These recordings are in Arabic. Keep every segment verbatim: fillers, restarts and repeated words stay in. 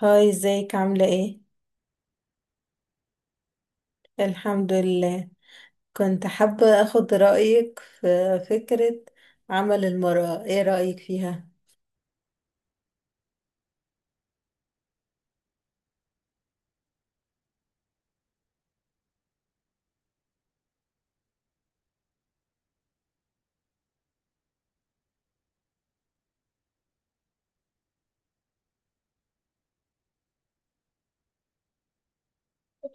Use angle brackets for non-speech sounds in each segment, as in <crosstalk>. هاي ازيك عاملة ايه؟ الحمد لله، كنت حابة اخد رأيك في فكرة. عمل المرأة ايه رأيك فيها؟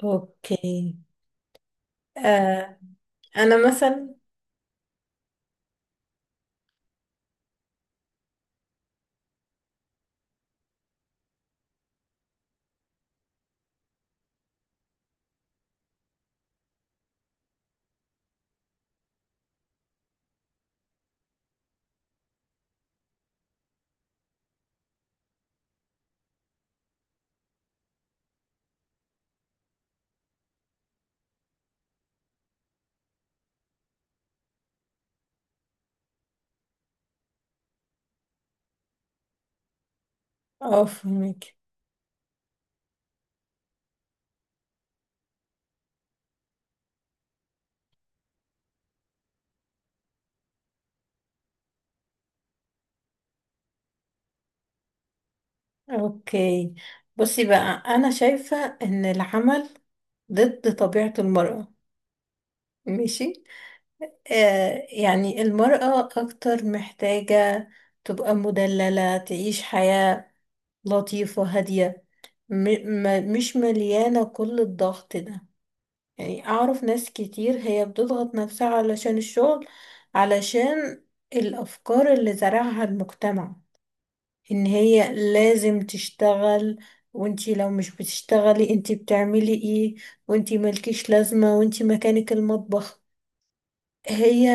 اوكي. آه. انا مثلا. اه، فهمك. اوكي، بصي بقى، انا شايفة ان العمل ضد طبيعة المرأة. ماشي. آه، يعني المرأة اكتر محتاجة تبقى مدللة، تعيش حياة لطيفة هادية، م م مش مليانة كل الضغط ده. يعني أعرف ناس كتير هي بتضغط نفسها علشان الشغل، علشان الأفكار اللي زرعها المجتمع إن هي لازم تشتغل. وانتي لو مش بتشتغلي انتي بتعملي ايه، وانتي مالكيش لازمة، وانتي مكانك المطبخ. هي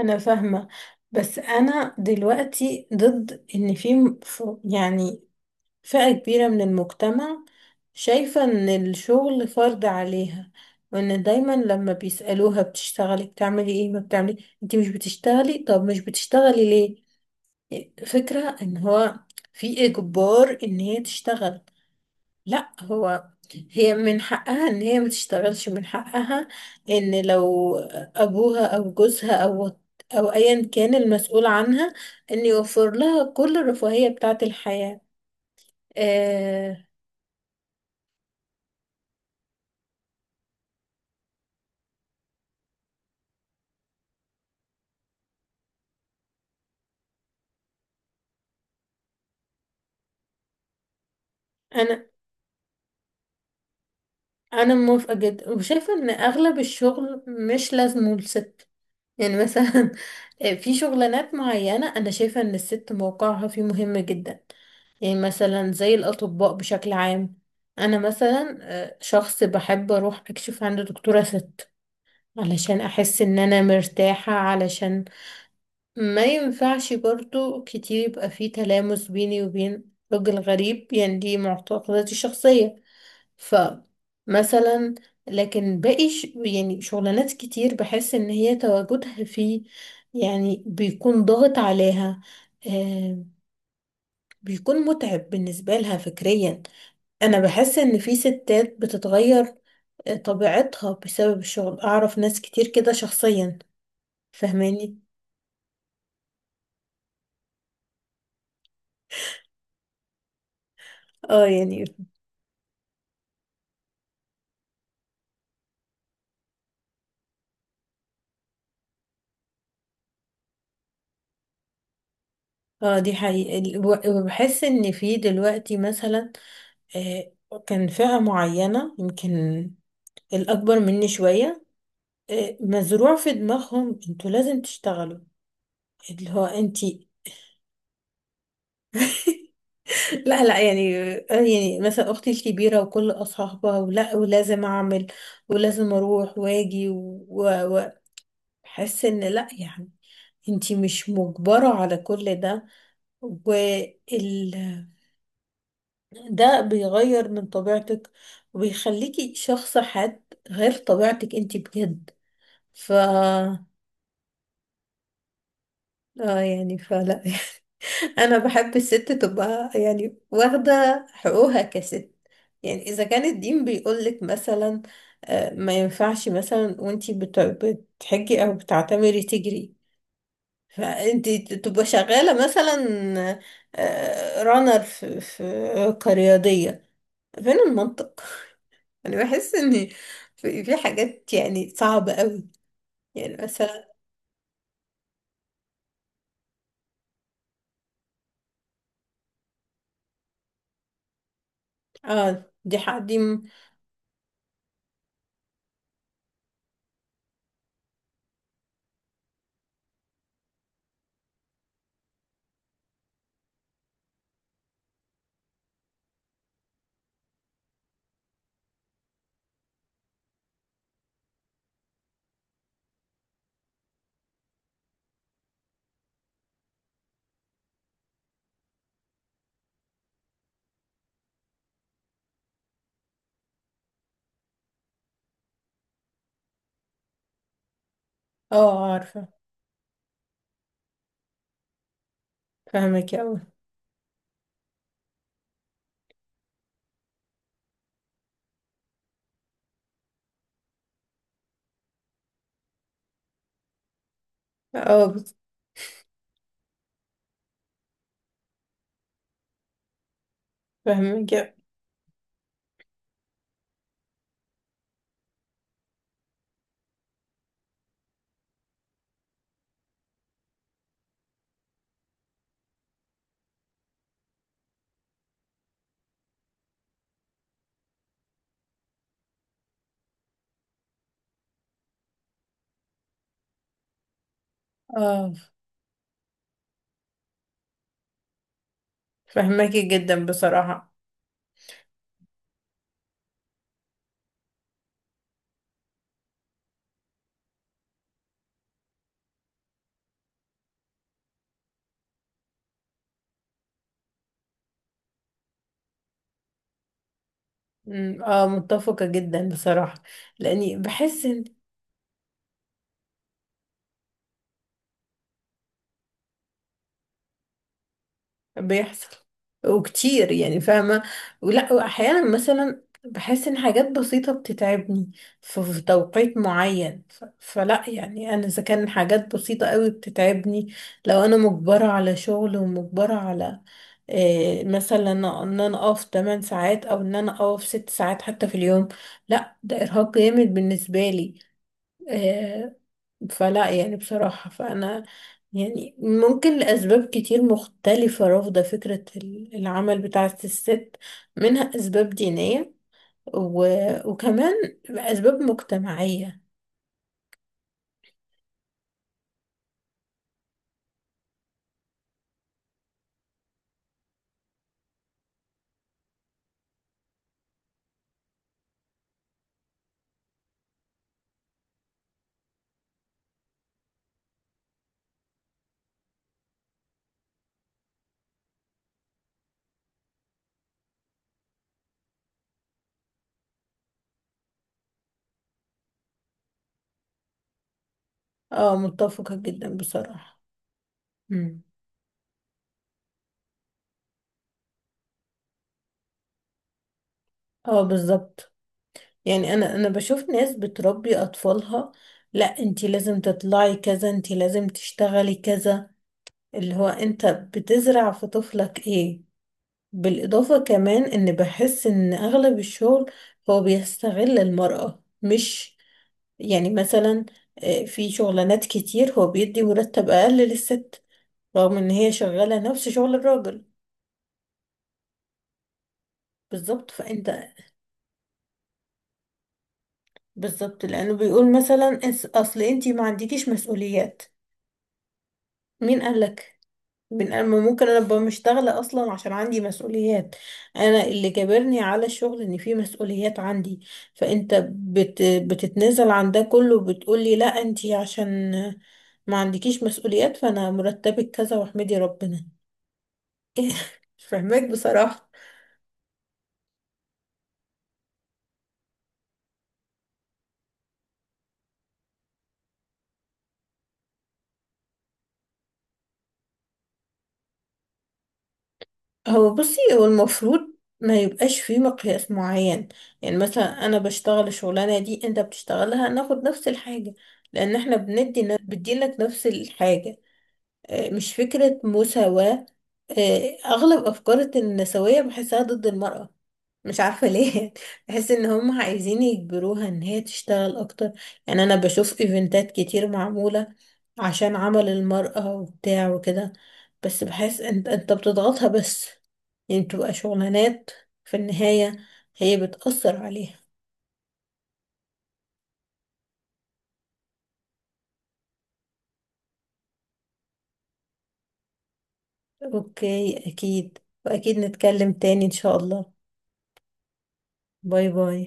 أنا فاهمة، بس أنا دلوقتي ضد إن في م- ف- يعني فئة كبيرة من المجتمع شايفة إن الشغل فرض عليها، وإن دايما لما بيسألوها بتشتغلي بتعملي إيه، ما بتعملي، أنت مش بتشتغلي، طب مش بتشتغلي ليه. فكرة إن هو في إجبار إن هي تشتغل، لا، هو هي من حقها إن هي ما تشتغلش، من حقها إن لو أبوها أو جوزها أو أو أيا كان المسؤول عنها، إن يوفر لها كل الرفاهية بتاعة الحياة. آه، انا موافقه جدا وشايفه ان اغلب الشغل مش لازمه للست. يعني مثلا <laughs> في شغلانات معينه انا شايفه ان الست موقعها فيه مهم جدا. يعني مثلا زي الاطباء بشكل عام، انا مثلا آه، شخص بحب اروح اكشف عند دكتوره ست، علشان احس ان انا مرتاحه، علشان ما ينفعش برضو كتير يبقى فيه تلامس بيني وبين راجل غريب، يعني دي معتقداتي الشخصيه. فمثلا لكن باقي ش... يعني شغلانات كتير بحس ان هي تواجدها فيه يعني بيكون ضاغط عليها. آه، بيكون متعب بالنسبة لها فكريا. انا بحس ان في ستات بتتغير آه، طبيعتها بسبب الشغل، اعرف ناس كتير كده شخصيا، فهماني. اه يعني. اه دي حقيقة، الو- وبحس ان في دلوقتي مثلا، آه، كان فئة معينة يمكن الأكبر مني شوية، إيه، مزروع في دماغهم انتوا لازم تشتغلوا، اللي هو انتي. <laughs> لا لا، يعني آه، يعني مثلا اختي الكبيره وكل اصحابها، ولا ولازم اعمل ولازم اروح واجي، واحس ان لا يعني انتي مش مجبره على كل ده. وال ده بيغير من طبيعتك وبيخليكي شخص حاد، غير طبيعتك انتي بجد. ف اه يعني فلا. <laughs> انا بحب الست تبقى يعني واخده حقوقها كست. يعني اذا كان الدين بيقولك مثلا آه، ما ينفعش مثلا وانتي بت- بتحجي او بتعتمري تجري، فانتي ت- تبقى شغاله مثلا آه، رانر في في كرياضيه. فين المنطق؟ <laughs> انا بحس ان في في حاجات يعني صعبه قوي. يعني مثلا. اه دي حق دي م- اه عارفه. فاهمك اوي. اه بس- فاهمك. اه فهماكي جدا بصراحة. أمم، اه متفقة جدا بصراحة، لاني بحس ان. بيحصل وكتير يعني فاهمة، ولا واحيانا مثلا بحس ان حاجات بسيطة بتتعبني في في توقيت معين ف- فلا يعني انا، اذا كان حاجات بسيطة قوي بتتعبني، لو انا مجبرة على شغل ومجبرة على إيه مثلا، ان انا اقف تمن ساعات او ان انا اقف ست ساعات حتى في اليوم، لا ده ارهاق جامد بالنسبة لي. آه، فلا يعني بصراحة، فأنا يعني ممكن لأسباب كتير مختلفة رافضة فكرة ال- العمل بتاعة الست، منها أسباب دينية و... وكمان أسباب مجتمعية. اه متفقة جدا بصراحة. مم. اه بالظبط. يعني أنا أنا بشوف ناس بتربي أطفالها لا انتي لازم تطلعي كذا، انتي لازم تشتغلي كذا، اللي هو انت بتزرع في طفلك ايه؟ بالإضافة كمان إن بحس إن أغلب الشغل هو بيستغل المرأة، مش يعني مثلا آه، في شغلانات كتير هو بيدي مرتب أقل للست رغم إن هي شغالة نفس شغل الراجل. بالظبط فأنت. بالظبط، لأنه بيقول مثلا "أس- أصل أنتي ما عندكيش مسؤوليات. مين قالك؟ من أما ممكن انا ابقى مش شغاله اصلا عشان عندي مسؤوليات، انا اللي جابرني على الشغل ان في مسؤوليات عندي. فانت بت بتتنازل عن ده كله بتقولي لا انتي عشان ما عندكيش مسؤوليات، فانا مرتبك كذا واحمدي ربنا. <laughs> إيه، مش فاهماك بصراحه. هو بصي هو المفروض ما يبقاش في مقياس معين، يعني مثلا انا بشتغل الشغلانه دي انت بتشتغلها ناخد نفس الحاجه، لان احنا بندي بتديلك نفس الحاجه. آه، مش فكرة مساواة. آه، أغلب أفكار النسوية بحسها ضد المرأة، مش عارفة ليه. <laughs> بحس إن هم عايزين يجبروها إن هي تشتغل أكتر. يعني أنا بشوف إيفنتات كتير معمولة عشان عمل المرأة وبتاع وكده، بس بحس أنت أنت بتضغطها بس، يعني بتبقى شغلانات في النهاية هي بتأثر عليها. أوكي أكيد، وأكيد نتكلم تاني إن شاء الله. باي باي.